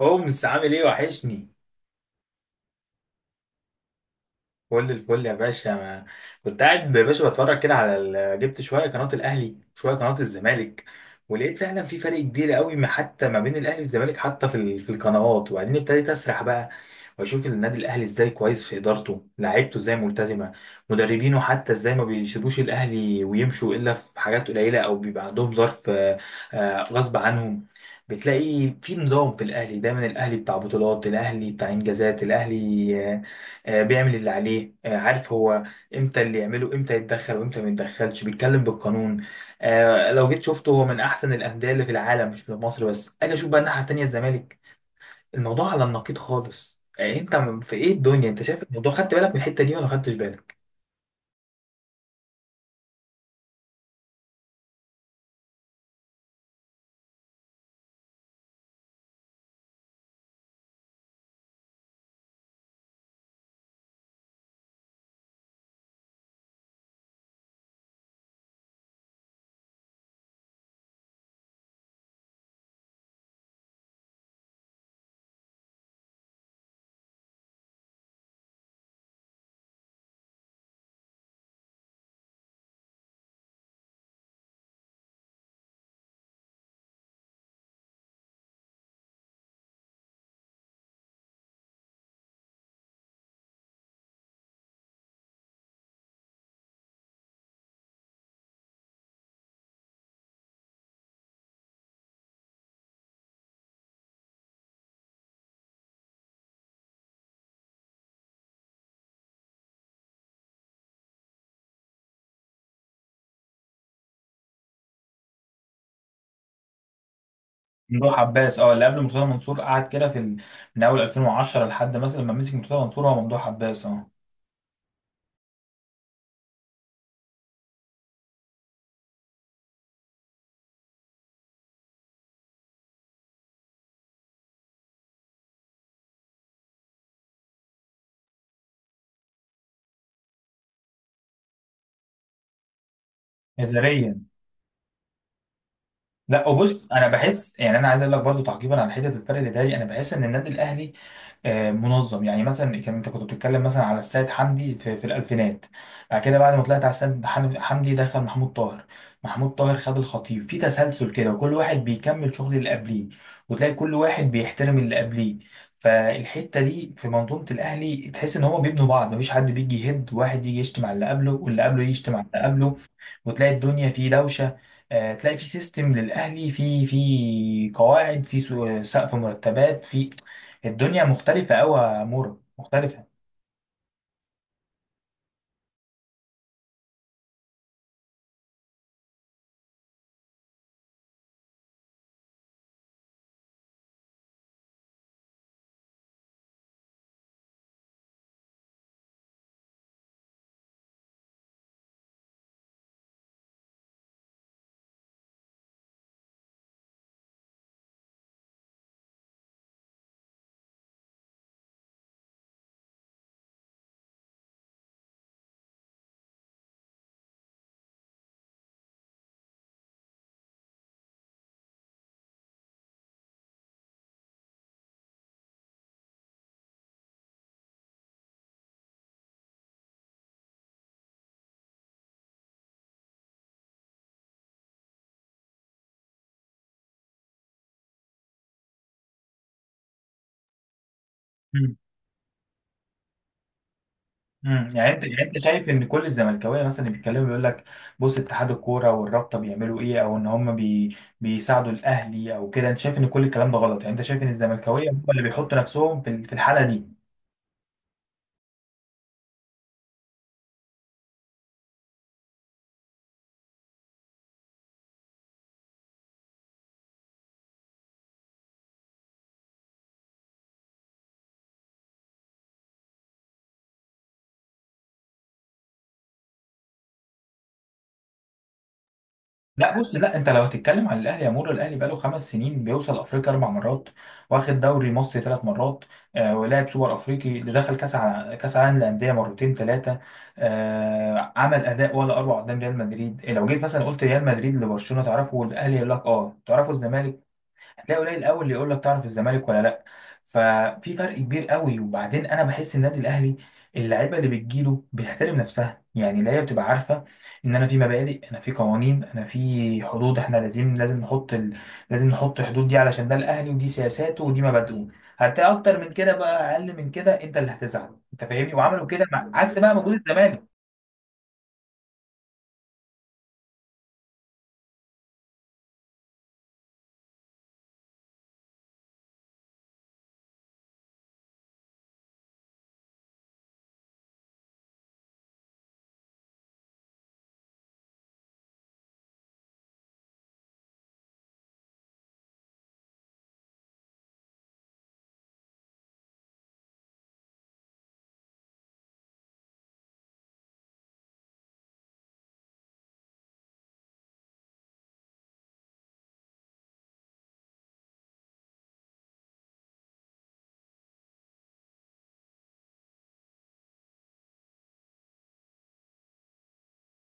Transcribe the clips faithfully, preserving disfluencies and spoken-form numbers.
هومس، عامل ايه؟ وحشني. كل الفل يا باشا. ما كنت قاعد يا باشا بتفرج كده على ال... جبت شويه قناه الاهلي شويه قناه الزمالك. ولقيت فعلا في فرق كبير قوي ما حتى ما بين الاهلي والزمالك، حتى في ال... في القنوات. وبعدين ابتديت اسرح بقى واشوف النادي الاهلي ازاي كويس في ادارته، لعيبته ازاي ملتزمه، مدربينه حتى ازاي ما بيسيبوش الاهلي ويمشوا الا في حاجات قليله او بيبقى عندهم ظرف، آه، آه، غصب عنهم. بتلاقي في نظام في الاهلي، دايما الاهلي بتاع بطولات، الاهلي بتاع انجازات، الاهلي آه، آه، بيعمل اللي عليه، آه، عارف هو امتى اللي يعمله، امتى يتدخل وامتى ما يتدخلش، بيتكلم بالقانون. آه، لو جيت شفته، هو من احسن الانديه اللي في العالم، مش في مصر بس. اجي اشوف بقى الناحيه التانيه، الزمالك. الموضوع على النقيض خالص. آه، انت م- في ايه الدنيا؟ انت شايف الموضوع؟ خدت بالك من الحته دي ولا خدتش بالك؟ ممدوح عباس، اه، اللي قبل مرتضى منصور، قعد كده في ال... من اول ألفين وعشرة لحد مثلا ما مسك مرتضى منصور، هو ممدوح عباس اه. اداريا، لا وبص، انا بحس يعني، انا عايز اقول لك برضو تعقيبا على حته الفرق الاداري. انا بحس ان النادي الاهلي، آه، منظم. يعني مثلا كان انت كنت بتتكلم مثلا على السيد حمدي في, في الالفينات، بعد كده بعد ما طلعت على السيد حم- حمدي، دخل محمود طاهر. محمود طاهر خد الخطيب في تسلسل كده، وكل واحد بيكمل شغل اللي قبليه، وتلاقي كل واحد بيحترم اللي قبليه. فالحته دي في منظومه الاهلي، تحس ان هما بيبنوا بعض، مفيش حد بيجي يهد واحد، يجي يشتم على اللي قبله واللي قبله يشتم على اللي قبله وتلاقي الدنيا فيه دوشه. آه، تلاقي في سيستم للاهلي، في في قواعد، في سقف مرتبات، في الدنيا مختلفة أوي يا مورا، مختلفة. مم. امم يعني انت، يعني انت شايف ان كل الزملكاويه مثلا اللي بيتكلموا بيقول لك بص اتحاد الكوره والرابطه بيعملوا ايه، او ان هم بي... بيساعدوا الاهلي او كده، انت شايف ان كل الكلام ده غلط؟ يعني انت شايف ان الزملكاويه هم اللي بيحطوا نفسهم في ال- في الحاله دي؟ لا بص، لا انت لو هتتكلم عن الاهلي يا مورو، الاهلي بقاله خمس سنين بيوصل افريقيا اربع مرات، واخد دوري مصري ثلاث مرات، آه، ولعب سوبر افريقي، اللي دخل كاس ع- كاس عالم للانديه مرتين ثلاثة، آه، عمل اداء ولا اروع قدام ريال مدريد. إيه، لو جيت مثلا قلت ريال مدريد لبرشلونه تعرفه، والاهلي يقول لك اه تعرفه، الزمالك هتلاقي قليل قوي اللي يقول لك تعرف الزمالك ولا لا. ففي فرق كبير قوي. وبعدين انا بحس النادي الاهلي اللعيبه اللي بتجيله بتحترم نفسها، يعني اللعيبه بتبقى عارفه ان انا في مبادئ، انا في قوانين، انا في حدود، احنا لازم لازم نحط ال... لازم نحط حدود دي علشان ده الاهلي، ودي سياساته، ودي مبادئه. هتلاقي اكتر من كده بقى اقل من كده، انت اللي هتزعل، انت فاهمني؟ وعملوا كده مع عكس بقى موجود الزمالك.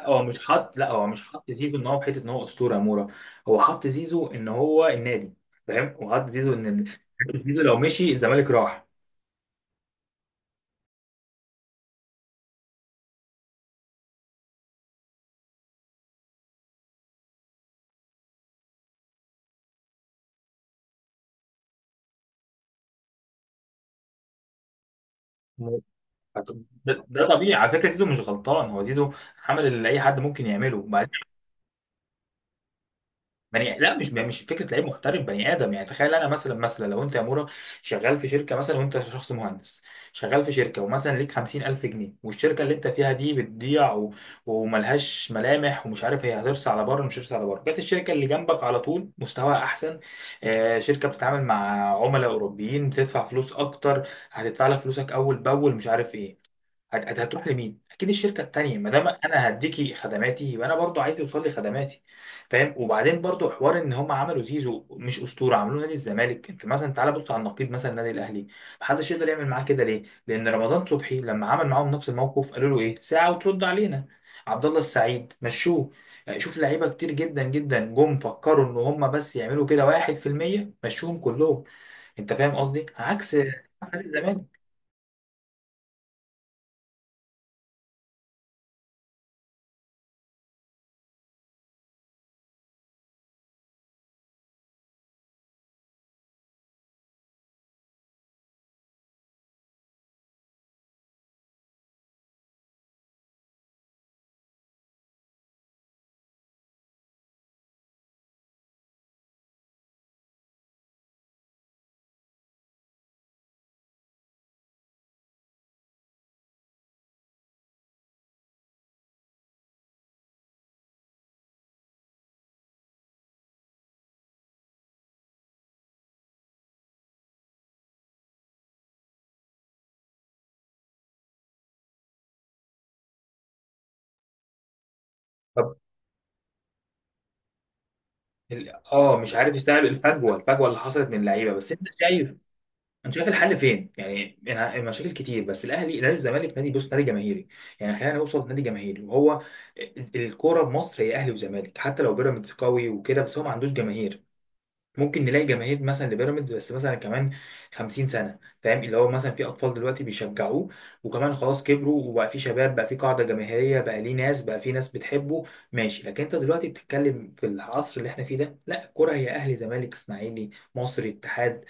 هو مش حط، لا هو مش حط زيزو ان هو في حته ان هو اسطوره مورا. هو حط زيزو ان هو النادي، فاهم، وحط زيزو ان ال- زيزو لو مشي الزمالك راح. ده, ده طبيعي على فكره، زيزو مش غلطان، هو زيزو عمل اللي اي حد ممكن يعمله. بني، لا مش مش فكره لعيب محترف، بني ادم. يعني تخيل انا مثلا، مثلا لو انت يا مورا شغال في شركه مثلا وانت شخص مهندس، شغال في شركه ومثلا ليك خمسين ألف جنيه، والشركه اللي انت فيها دي بتضيع و... وملهاش ملامح، ومش عارف هي هترسى على بره مش هترسى على بره، جت الشركه اللي جنبك على طول، مستواها احسن، آه، شركه بتتعامل مع عملاء اوروبيين، بتدفع فلوس اكتر، هتدفع لك فلوسك اول باول، مش عارف ايه، هت- هت- هتروح لمين؟ اكيد الشركه التانيه. ما دام انا هديكي خدماتي، يبقى انا برضو عايز يوصل لي خدماتي. فاهم؟ وبعدين برضو حوار ان هم عملوا زيزو مش اسطوره، عملوه نادي الزمالك. انت مثلا تعالى بص على النقيض مثلا، النادي الاهلي محدش يقدر يعمل معاه كده. ليه؟ لان رمضان صبحي لما عمل معاهم نفس الموقف قالوا له ايه؟ ساعه وترد علينا. عبد الله السعيد مشوه. يعني شوف لعيبه كتير جدا جدا جم فكروا ان هم بس يعملوا كده واحد في المية مشوهم كلهم. انت فاهم قصدي؟ عكس، عكس الزمالك. ال- اه مش عارف يستوعب الفجوه، الفجوه اللي حصلت من اللعيبه. بس انت شايف، انت شايف الحل فين يعني؟ أنا- المشاكل كتير. بس الاهلي نادي، الزمالك نادي، بص نادي جماهيري، يعني خلينا نوصل نادي جماهيري. وهو ال- الكوره بمصر هي اهلي وزمالك، حتى لو بيراميدز قوي وكده بس هو ما عندوش جماهير. ممكن نلاقي جماهير مثلا لبيراميدز، بس مثلا كمان خمسين سنة سنه، فاهم، اللي هو مثلا في اطفال دلوقتي بيشجعوه وكمان خلاص كبروا وبقى في شباب، بقى في قاعده جماهيريه، بقى ليه ناس، بقى في ناس بتحبه، ماشي. لكن انت دلوقتي بتتكلم في العصر اللي احنا فيه ده، لا الكوره هي اهلي، زمالك، اسماعيلي، مصري، اتحاد.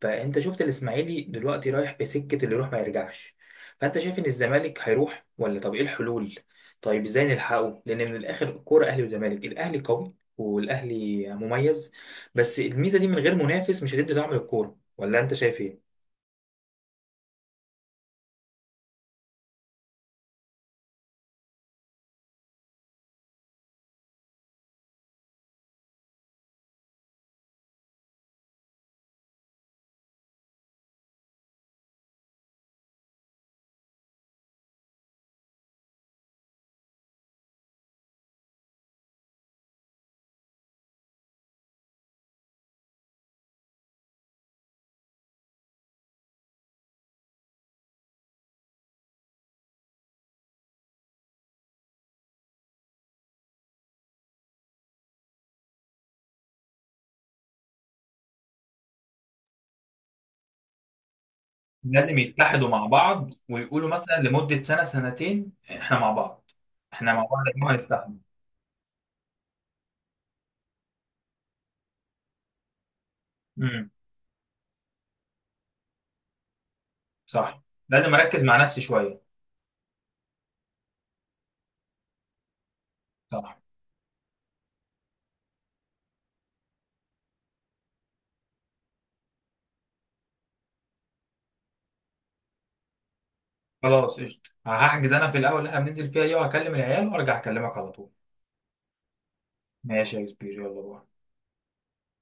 فانت شفت الاسماعيلي دلوقتي رايح بسكه اللي يروح ما يرجعش. فانت شايف ان الزمالك هيروح، ولا طب ايه الحلول؟ طيب ازاي نلحقه؟ لان من الاخر، الكوره اهلي وزمالك، الاهلي قوي والاهلي مميز، بس الميزه دي من غير منافس مش هتدي دعم للكوره، ولا انت شايف ايه؟ لازم يتحدوا مع بعض ويقولوا مثلا لمدة سنة سنتين احنا مع بعض، احنا مع بعض يا جماعة هنستحمل. امم صح، لازم اركز مع نفسي شوية. صح. خلاص قشطة، هحجز انا في الاول اللي احنا بننزل فيها دي، وهكلم العيال وارجع اكلمك على طول. ماشي يا كبير، يلا باي.